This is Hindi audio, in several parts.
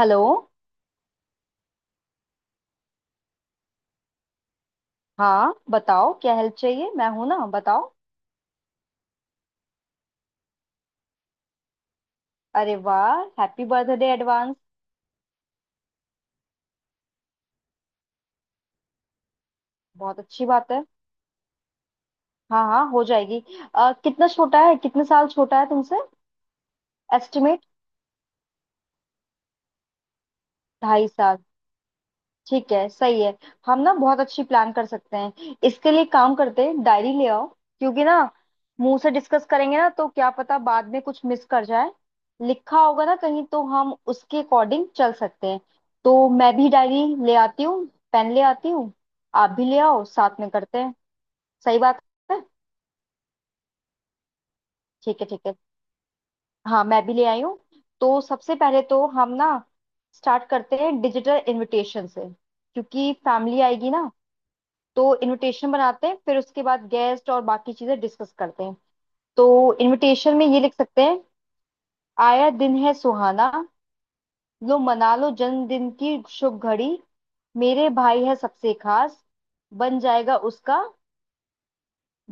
हेलो। हाँ, बताओ क्या हेल्प चाहिए, मैं हूं ना, बताओ। अरे वाह, हैप्पी बर्थडे एडवांस। बहुत अच्छी बात है। हाँ हाँ, हो जाएगी। कितना छोटा है, कितने साल छोटा है तुमसे? एस्टिमेट। 2.5 साल। ठीक है, सही है। हम ना बहुत अच्छी प्लान कर सकते हैं इसके लिए, काम करते हैं, डायरी ले आओ। क्योंकि ना मुंह से डिस्कस करेंगे ना तो क्या पता बाद में कुछ मिस कर जाए। लिखा होगा ना कहीं तो हम उसके अकॉर्डिंग चल सकते हैं। तो मैं भी डायरी ले आती हूँ, पेन ले आती हूँ। आप भी ले आओ, साथ में करते हैं। सही बात है। ठीक है ठीक है। हाँ, मैं भी ले आई हूँ। तो सबसे पहले तो हम ना स्टार्ट करते हैं डिजिटल इनविटेशन से, क्योंकि फैमिली आएगी ना। तो इनविटेशन बनाते हैं, फिर उसके बाद गेस्ट और बाकी चीजें डिस्कस करते हैं। तो इनविटेशन में ये लिख सकते हैं। आया दिन है सुहाना, लो मना लो जन्मदिन की शुभ घड़ी, मेरे भाई है सबसे खास, बन जाएगा उसका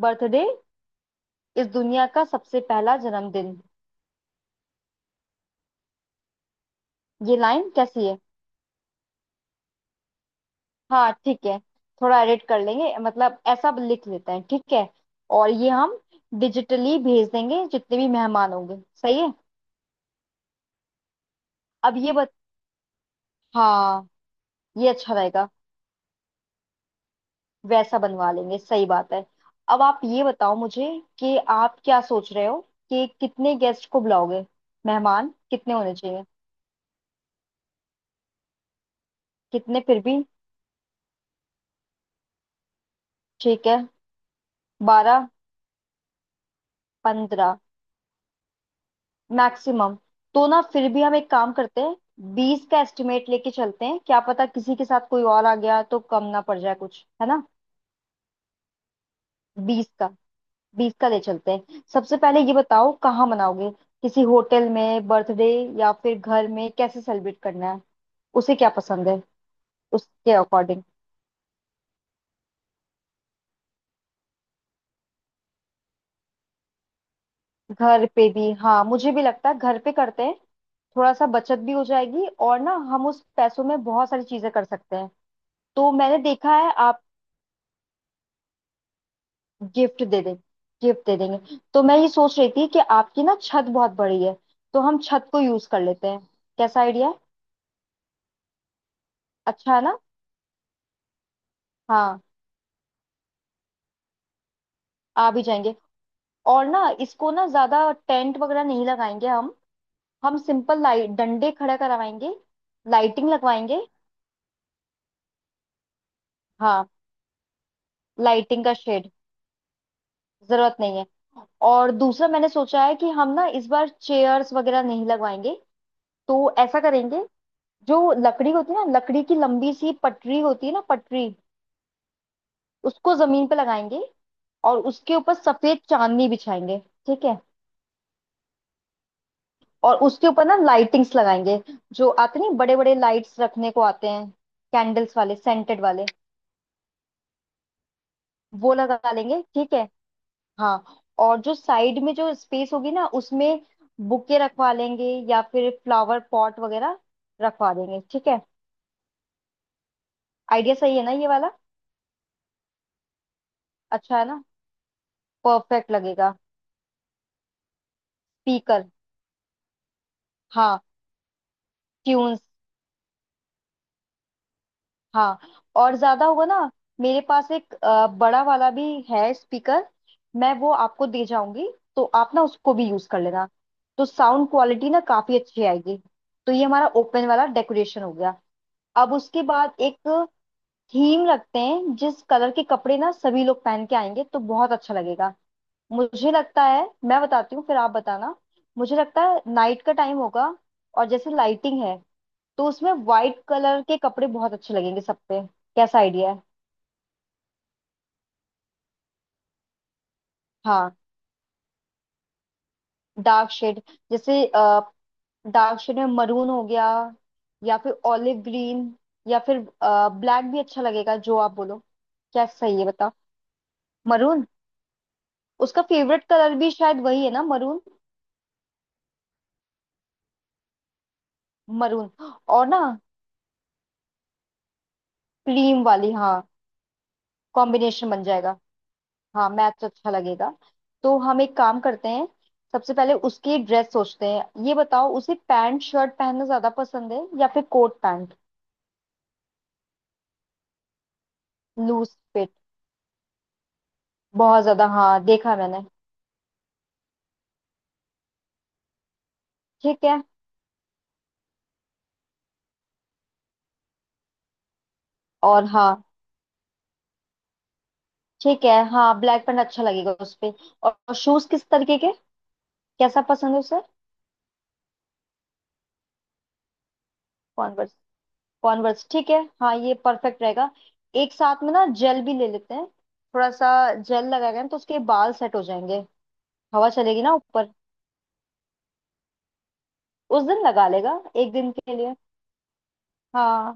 बर्थडे, इस दुनिया का सबसे पहला जन्मदिन। ये लाइन कैसी है? हाँ ठीक है, थोड़ा एडिट कर लेंगे, मतलब ऐसा लिख लेते हैं ठीक है। और ये हम डिजिटली भेज देंगे, जितने भी मेहमान होंगे। सही है। अब ये बत हाँ, ये अच्छा रहेगा, वैसा बनवा लेंगे, सही बात है। अब आप ये बताओ मुझे कि आप क्या सोच रहे हो, कि कितने गेस्ट को बुलाओगे, मेहमान कितने होने चाहिए? कितने फिर भी? ठीक है। 12, 15 मैक्सिमम। तो ना फिर भी हम एक काम करते हैं, 20 का एस्टिमेट लेके चलते हैं, क्या पता किसी के साथ कोई और आ गया तो कम ना पड़ जाए कुछ, है ना? 20 का। 20 का ले चलते हैं। सबसे पहले ये बताओ कहाँ मनाओगे, किसी होटल में बर्थडे या फिर घर में, कैसे सेलिब्रेट करना है, उसे क्या पसंद है, उसके अकॉर्डिंग। घर पे भी, हाँ मुझे भी लगता है घर पे करते हैं। थोड़ा सा बचत भी हो जाएगी और ना हम उस पैसों में बहुत सारी चीजें कर सकते हैं। तो मैंने देखा है आप गिफ्ट दे दें, गिफ्ट दे देंगे। तो मैं ये सोच रही थी कि आपकी ना छत बहुत बड़ी है, तो हम छत को यूज कर लेते हैं, कैसा आइडिया है? अच्छा है ना। हाँ, आ भी जाएंगे। और ना इसको ना ज्यादा टेंट वगैरह नहीं लगाएंगे हम सिंपल लाइट डंडे खड़ा करवाएंगे, लाइटिंग लगवाएंगे। हाँ, लाइटिंग का शेड, जरूरत नहीं है। और दूसरा मैंने सोचा है कि हम ना इस बार चेयर्स वगैरह नहीं लगवाएंगे, तो ऐसा करेंगे, जो लकड़ी होती है ना, लकड़ी की लंबी सी पटरी होती है ना, पटरी उसको जमीन पे लगाएंगे, और उसके ऊपर सफेद चांदनी बिछाएंगे, ठीक है। और उसके ऊपर ना लाइटिंग्स लगाएंगे, जो आते नहीं बड़े बड़े लाइट्स रखने को आते हैं, कैंडल्स वाले सेंटेड वाले, वो लगा लेंगे ठीक है। हाँ, और जो साइड में जो स्पेस होगी ना उसमें बुके रखवा लेंगे या फिर फ्लावर पॉट वगैरह रखवा देंगे, ठीक है। आइडिया सही है ना ये वाला? अच्छा है ना, परफेक्ट लगेगा। स्पीकर। हाँ ट्यून्स। हाँ, और ज्यादा होगा ना, मेरे पास एक बड़ा वाला भी है स्पीकर, मैं वो आपको दे जाऊंगी, तो आप ना उसको भी यूज कर लेना, तो साउंड क्वालिटी। थीम रखते हैं, जिस कलर के कपड़े ना सभी लोग पहन के आएंगे तो बहुत अच्छा लगेगा। मुझे लगता है, मैं बताती हूँ फिर आप बताना। मुझे लगता है नाइट का टाइम होगा, और जैसे लाइटिंग है तो उसमें वाइट कलर के कपड़े बहुत अच्छे लगेंगे सब पे। कैसा आइडिया है? हाँ, डार्क शेड। जैसे डार्क शेड में मरून हो गया, या फिर ऑलिव ग्रीन, या फिर ब्लैक भी अच्छा लगेगा, जो आप बोलो। क्या सही है बताओ। मरून, उसका फेवरेट कलर भी शायद वही है ना, मरून। मरून और ना क्रीम वाली, हाँ कॉम्बिनेशन बन जाएगा। हाँ, मैच अच्छा लगेगा। तो हम एक काम करते हैं, सबसे पहले उसकी ड्रेस सोचते हैं, ये बताओ उसे पैंट शर्ट पहनना ज्यादा पसंद है या फिर कोट पैंट? लूज फिट बहुत ज्यादा, हाँ देखा मैंने। ठीक है और हाँ, ठीक है, हाँ ब्लैक पैंट अच्छा लगेगा उस पे। और शूज किस तरीके के, कैसा पसंद है उसे? कॉन्वर्स, कॉन्वर्स ठीक है। हाँ, ये परफेक्ट रहेगा। एक साथ में ना जेल भी ले लेते हैं थोड़ा सा, जेल लगाएगा ना तो उसके बाल सेट हो जाएंगे, हवा चलेगी ना ऊपर, उस दिन लगा लेगा एक दिन के लिए। हाँ,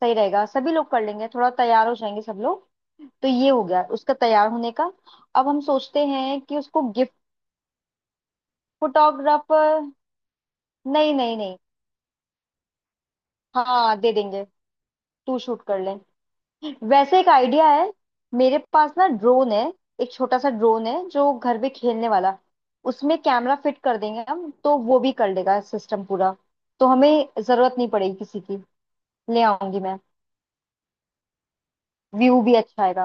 सही रहेगा, सभी लोग कर लेंगे, थोड़ा तैयार हो जाएंगे सब लोग। तो ये हो गया उसका तैयार होने का, अब हम सोचते हैं कि उसको गिफ्ट। फोटोग्राफर। नहीं नहीं नहीं, हाँ दे देंगे, तू शूट कर ले। वैसे एक आइडिया है, मेरे पास ना ड्रोन है, एक छोटा सा ड्रोन है जो घर पे खेलने वाला, उसमें कैमरा फिट कर देंगे हम तो वो भी कर लेगा सिस्टम पूरा, तो हमें जरूरत नहीं पड़ेगी किसी की। ले आऊंगी मैं, व्यू भी अच्छा आएगा।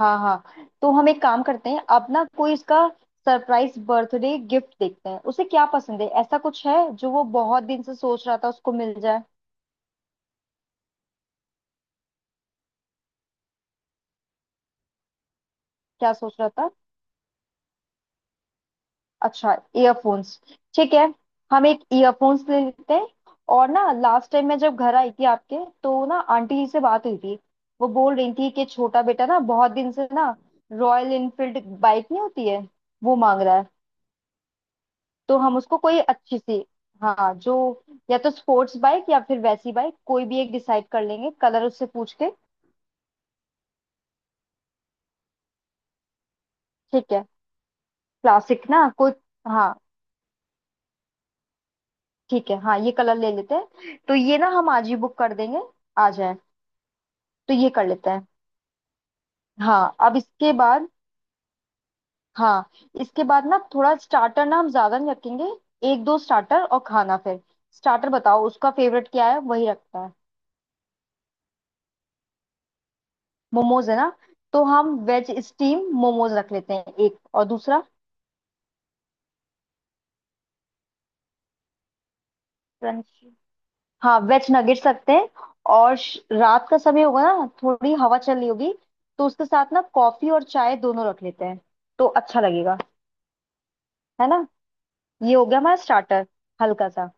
हाँ हाँ, तो हम एक काम करते हैं अब ना, कोई इसका सरप्राइज बर्थडे गिफ्ट देखते हैं, उसे क्या पसंद है, ऐसा कुछ है जो वो बहुत दिन से सोच रहा था उसको मिल जाए, क्या सोच रहा था? अच्छा, ईयरफोन्स ठीक है, हम एक ईयरफोन्स ले लेते हैं। और ना लास्ट टाइम मैं जब घर आई थी आपके तो ना आंटी जी से बात हुई थी, वो बोल रही थी कि छोटा बेटा ना बहुत दिन से ना रॉयल इनफील्ड बाइक नहीं होती है, वो मांग रहा है। तो हम उसको कोई अच्छी सी, हाँ जो, या तो स्पोर्ट्स बाइक या फिर वैसी बाइक, कोई भी एक डिसाइड कर लेंगे कलर उससे पूछ के। ठीक है। क्लासिक ना कोई, हाँ ठीक है, हाँ ये कलर ले लेते हैं, तो ये ना हम आज ही बुक कर देंगे, आ जाए, तो ये कर लेते हैं। हाँ, अब इसके बाद, हाँ इसके बाद ना थोड़ा स्टार्टर ना हम ज्यादा नहीं रखेंगे, एक दो स्टार्टर और खाना फिर। स्टार्टर बताओ उसका फेवरेट क्या है, वही रखता है। मोमोज है ना, तो हम वेज स्टीम मोमोज रख लेते हैं एक, और दूसरा। क्रंची, हाँ वेज नगेट्स रखते हैं। और रात का समय होगा ना, थोड़ी हवा चल रही होगी तो उसके साथ ना कॉफी और चाय दोनों रख लेते हैं, तो अच्छा लगेगा, है ना? ये हो गया हमारा स्टार्टर, हल्का सा।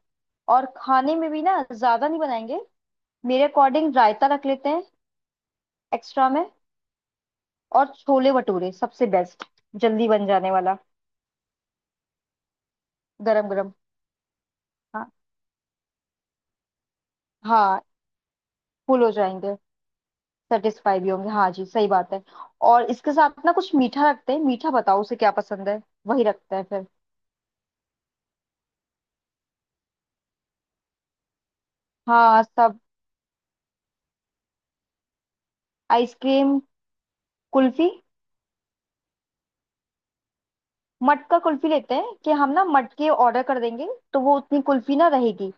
और खाने में भी ना ज्यादा नहीं बनाएंगे, मेरे अकॉर्डिंग रायता रख लेते हैं एक्स्ट्रा में। और छोले भटूरे सबसे बेस्ट, जल्दी बन जाने वाला। गरम गरम। हाँ हाँ, फुल हो जाएंगे, सेटिस्फाई भी होंगे, हाँ जी सही बात है। और इसके साथ ना कुछ मीठा रखते हैं, मीठा बताओ उसे क्या पसंद है वही रखते हैं फिर। हाँ सब। आइसक्रीम, कुल्फी। मटका कुल्फी लेते हैं, कि हम ना मटके ऑर्डर कर देंगे, तो वो उतनी कुल्फी ना रहेगी,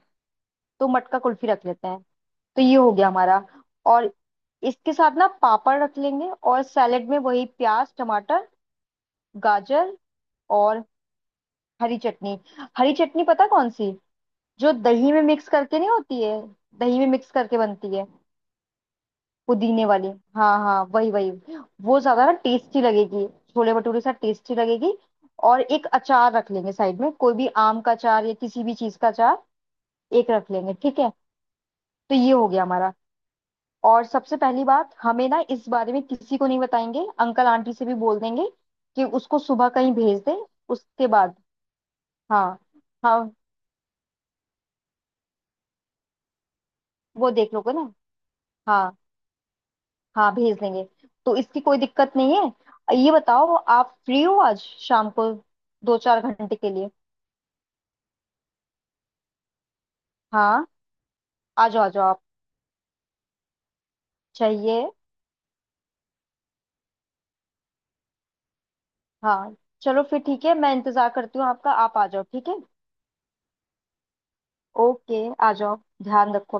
तो मटका कुल्फी रख लेते हैं, तो ये हो गया हमारा। और इसके साथ ना पापड़ रख लेंगे, और सैलेड में वही प्याज टमाटर गाजर, और हरी चटनी। हरी चटनी पता कौन सी, जो दही में मिक्स करके नहीं होती है, दही में मिक्स करके बनती है। पुदीने वाली, हाँ हाँ वही वही। वो ज्यादा ना टेस्टी लगेगी, छोले भटूरे से टेस्टी लगेगी। और एक अचार रख लेंगे साइड में, कोई भी आम का अचार या किसी भी चीज का अचार, एक रख लेंगे ठीक है। तो ये हो गया हमारा। और सबसे पहली बात, हमें ना इस बारे में किसी को नहीं बताएंगे, अंकल आंटी से भी बोल देंगे कि उसको सुबह कहीं भेज दें, उसके बाद। हाँ हाँ, वो देख लोगे ना। हाँ हाँ भेज देंगे, तो इसकी कोई दिक्कत नहीं है। ये बताओ आप फ्री हो आज शाम को? दो चार घंटे के लिए। हाँ आ जाओ आप, चाहिए। हाँ चलो, फिर ठीक है, मैं इंतजार करती हूँ आपका, आप आ जाओ ठीक है। ओके आ जाओ। ध्यान रखो।